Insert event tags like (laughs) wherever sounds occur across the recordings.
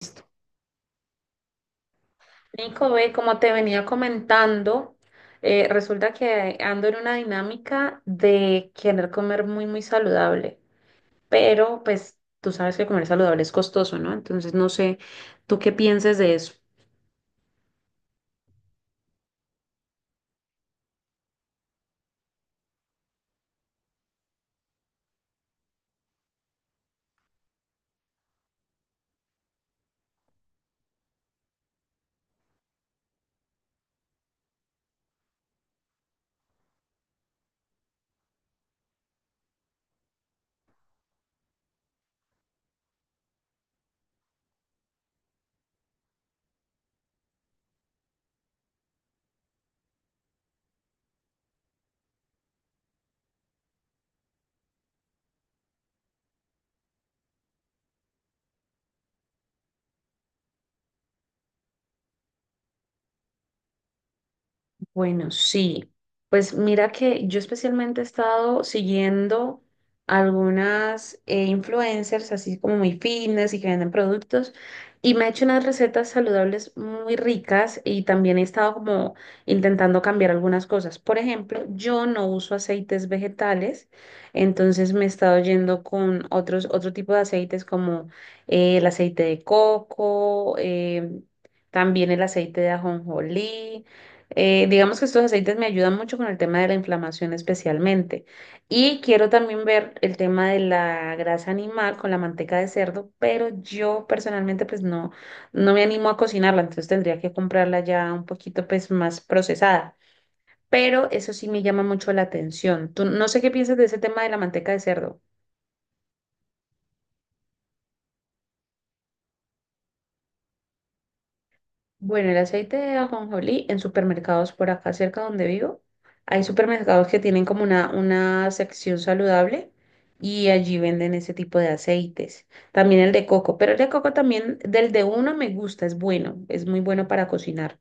Listo. Nico, ve, como te venía comentando, resulta que ando en una dinámica de querer comer muy, muy saludable, pero pues tú sabes que comer saludable es costoso, ¿no? Entonces no sé, ¿tú qué piensas de eso? Bueno, sí. Pues mira que yo especialmente he estado siguiendo algunas influencers, así como muy fitness y que venden productos, y me ha hecho unas recetas saludables muy ricas y también he estado como intentando cambiar algunas cosas. Por ejemplo, yo no uso aceites vegetales, entonces me he estado yendo con otro tipo de aceites como el aceite de coco, también el aceite de ajonjolí. Digamos que estos aceites me ayudan mucho con el tema de la inflamación especialmente. Y quiero también ver el tema de la grasa animal con la manteca de cerdo, pero yo personalmente pues no me animo a cocinarla, entonces tendría que comprarla ya un poquito pues más procesada. Pero eso sí me llama mucho la atención. Tú, no sé qué piensas de ese tema de la manteca de cerdo. Bueno, el aceite de ajonjolí en supermercados por acá cerca donde vivo, hay supermercados que tienen como una sección saludable y allí venden ese tipo de aceites. También el de coco, pero el de coco también, del de uno me gusta, es bueno, es muy bueno para cocinar.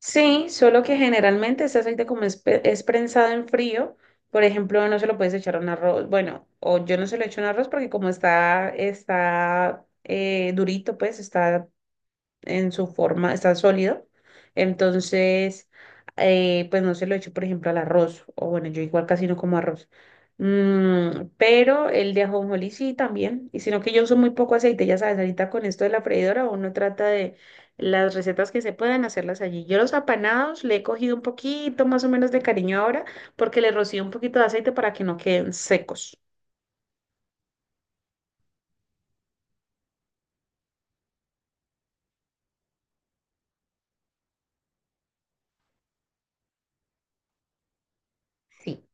Sí, solo que generalmente ese aceite como es, es prensado en frío, por ejemplo, no se lo puedes echar a un arroz, bueno, o yo no se lo echo a un arroz porque como está durito, pues está en su forma, está sólido. Entonces, pues no se lo echo, por ejemplo, al arroz. O bueno, yo igual casi no como arroz. Pero el de ajonjolí sí también. Y sino que yo uso muy poco aceite, ya sabes, ahorita con esto de la freidora uno trata de las recetas que se puedan hacerlas allí. Yo los apanados le he cogido un poquito más o menos de cariño ahora porque le rocío un poquito de aceite para que no queden secos. Sí.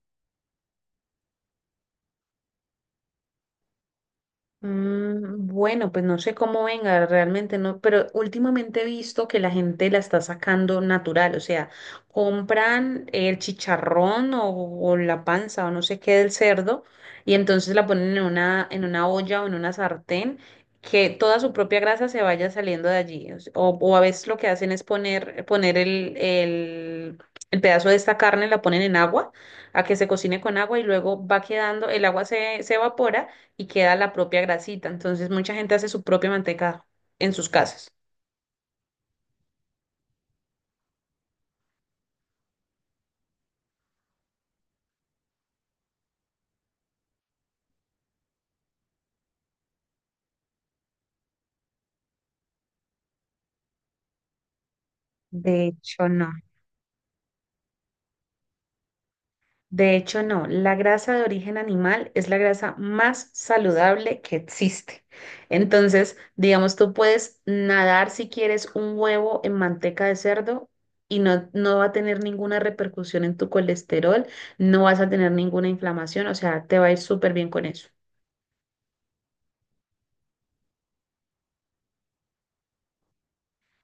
Bueno, pues no sé cómo venga, realmente no, pero últimamente he visto que la gente la está sacando natural, o sea, compran el chicharrón o la panza o no sé qué del cerdo y entonces la ponen en una olla o en una sartén que toda su propia grasa se vaya saliendo de allí. O sea, o a veces lo que hacen es poner el pedazo de esta carne, la ponen en agua, a que se cocine con agua y luego va quedando, el agua se evapora y queda la propia grasita. Entonces, mucha gente hace su propia manteca en sus casas. De hecho, no. De hecho, no. La grasa de origen animal es la grasa más saludable que existe. Entonces, digamos, tú puedes nadar si quieres un huevo en manteca de cerdo y no va a tener ninguna repercusión en tu colesterol, no vas a tener ninguna inflamación, o sea, te va a ir súper bien con eso.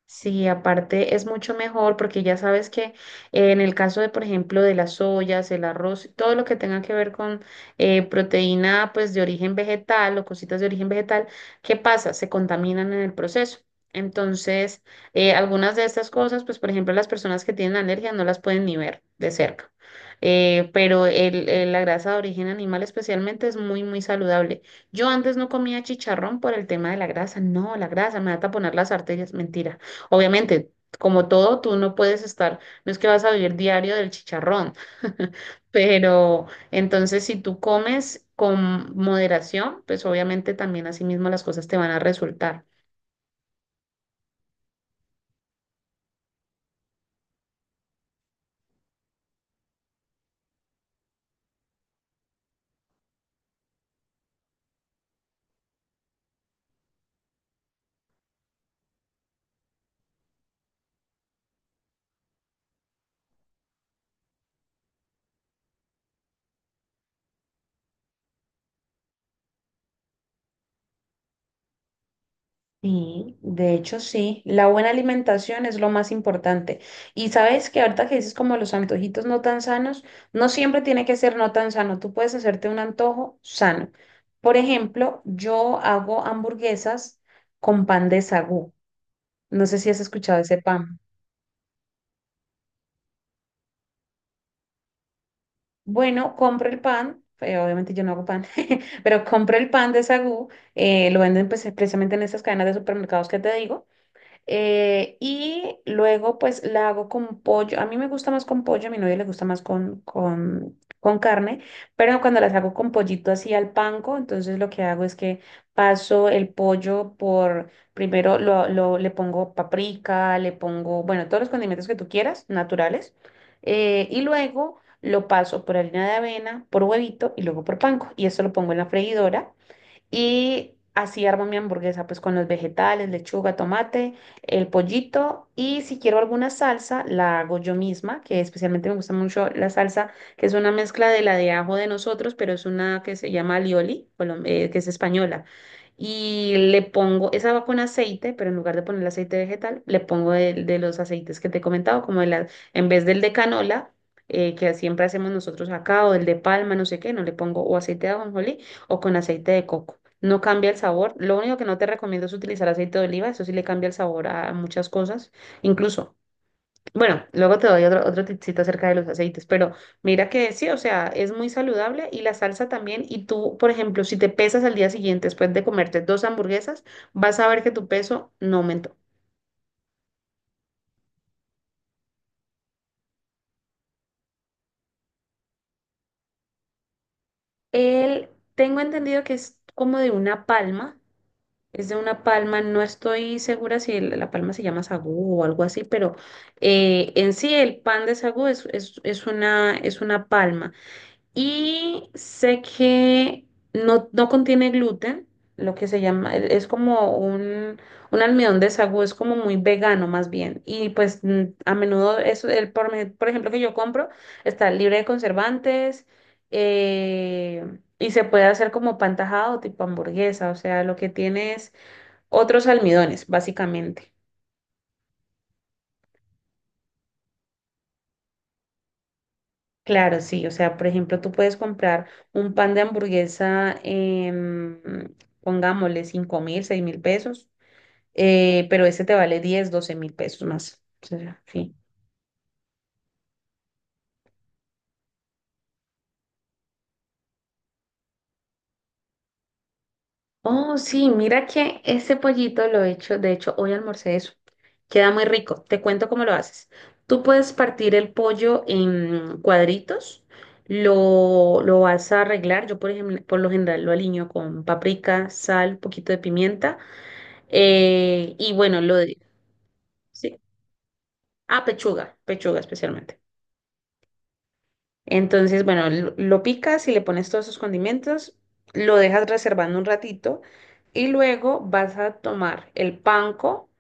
Sí, aparte es mucho mejor porque ya sabes que en el caso de, por ejemplo, de las ollas, el arroz, todo lo que tenga que ver con proteína pues de origen vegetal o cositas de origen vegetal, ¿qué pasa? Se contaminan en el proceso. Entonces, algunas de estas cosas, pues por ejemplo, las personas que tienen alergia no las pueden ni ver de cerca. Pero la grasa de origen animal especialmente es muy, muy saludable. Yo antes no comía chicharrón por el tema de la grasa. No, la grasa me va a taponar las arterias. Mentira. Obviamente, como todo, tú no puedes estar, no es que vas a vivir diario del chicharrón, (laughs) pero entonces si tú comes con moderación, pues obviamente también así mismo las cosas te van a resultar. Sí, de hecho sí, la buena alimentación es lo más importante. Y sabes que ahorita que dices como los antojitos no tan sanos, no siempre tiene que ser no tan sano, tú puedes hacerte un antojo sano. Por ejemplo, yo hago hamburguesas con pan de sagú. No sé si has escuchado ese pan. Bueno, compro el pan, obviamente yo no hago pan, (laughs) pero compro el pan de sagú, lo venden pues, precisamente en esas cadenas de supermercados que te digo. Y luego pues la hago con pollo. A mí me gusta más con pollo, a mi novio le gusta más con, carne, pero cuando las hago con pollito así al panko, entonces lo que hago es que paso el pollo por, primero le pongo paprika, le pongo, bueno, todos los condimentos que tú quieras, naturales, y luego lo paso por harina de avena, por huevito y luego por panko. Y esto lo pongo en la freidora. Y así armo mi hamburguesa, pues con los vegetales, lechuga, tomate, el pollito. Y si quiero alguna salsa, la hago yo misma, que especialmente me gusta mucho la salsa, que es una mezcla de la de ajo de nosotros, pero es una que se llama alioli, que es española. Y le pongo, esa va con aceite, pero en lugar de poner aceite vegetal, le pongo de los aceites que te he comentado, en vez del de canola, que siempre hacemos nosotros acá, o del de palma, no sé qué, no le pongo o aceite de ajonjolí o con aceite de coco. No cambia el sabor. Lo único que no te recomiendo es utilizar aceite de oliva. Eso sí le cambia el sabor a muchas cosas. Incluso, bueno, luego te doy otro tipcito acerca de los aceites. Pero mira que sí, o sea, es muy saludable y la salsa también. Y tú, por ejemplo, si te pesas al día siguiente después de comerte dos hamburguesas, vas a ver que tu peso no aumentó. El, Tengo entendido que es como de una palma. Es de una palma, no estoy segura si la palma se llama sagú o algo así, pero en sí el pan de sagú es una palma. Y sé que no contiene gluten, lo que se llama, es como un almidón de sagú, es como muy vegano más bien. Y pues a menudo, es el, por, me- por ejemplo, que yo compro, está libre de conservantes. Y se puede hacer como pan tajado, tipo hamburguesa, o sea, lo que tienes otros almidones, básicamente. Claro, sí. O sea, por ejemplo, tú puedes comprar un pan de hamburguesa en, pongámosle, 5 mil, 6 mil pesos, pero ese te vale 10, 12 mil pesos más. O sea, sí. Oh, sí, mira que ese pollito lo he hecho, de hecho, hoy almorcé eso. Queda muy rico. Te cuento cómo lo haces. Tú puedes partir el pollo en cuadritos, lo vas a arreglar. Yo, por ejemplo, por lo general lo aliño con paprika, sal, poquito de pimienta. Y bueno, lo de. Sí. Ah, pechuga, pechuga especialmente. Entonces, bueno, lo picas y le pones todos esos condimentos, lo dejas reservando un ratito y luego vas a tomar el panko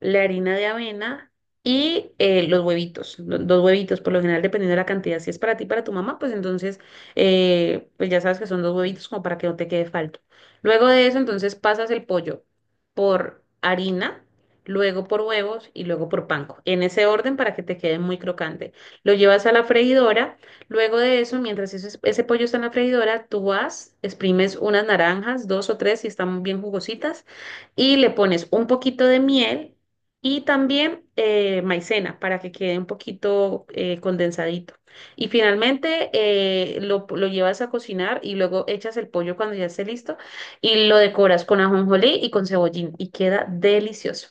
la harina de avena y los huevitos, dos huevitos, por lo general, dependiendo de la cantidad, si es para ti, para tu mamá, pues entonces, pues ya sabes que son dos huevitos como para que no te quede falto. Luego de eso, entonces pasas el pollo por harina, luego por huevos y luego por panko, en ese orden para que te quede muy crocante. Lo llevas a la freidora, luego de eso, mientras ese pollo está en la freidora, tú vas, exprimes unas naranjas, dos o tres si están bien jugositas, y le pones un poquito de miel y también maicena para que quede un poquito condensadito. Y finalmente lo llevas a cocinar y luego echas el pollo cuando ya esté listo y lo decoras con ajonjolí y con cebollín y queda delicioso.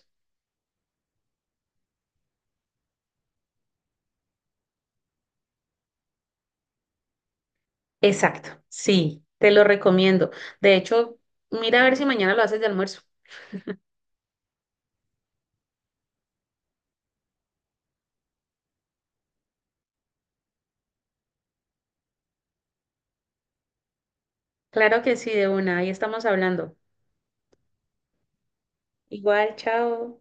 Exacto, sí, te lo recomiendo. De hecho, mira a ver si mañana lo haces de almuerzo. Claro que sí, de una, ahí estamos hablando. Igual, chao.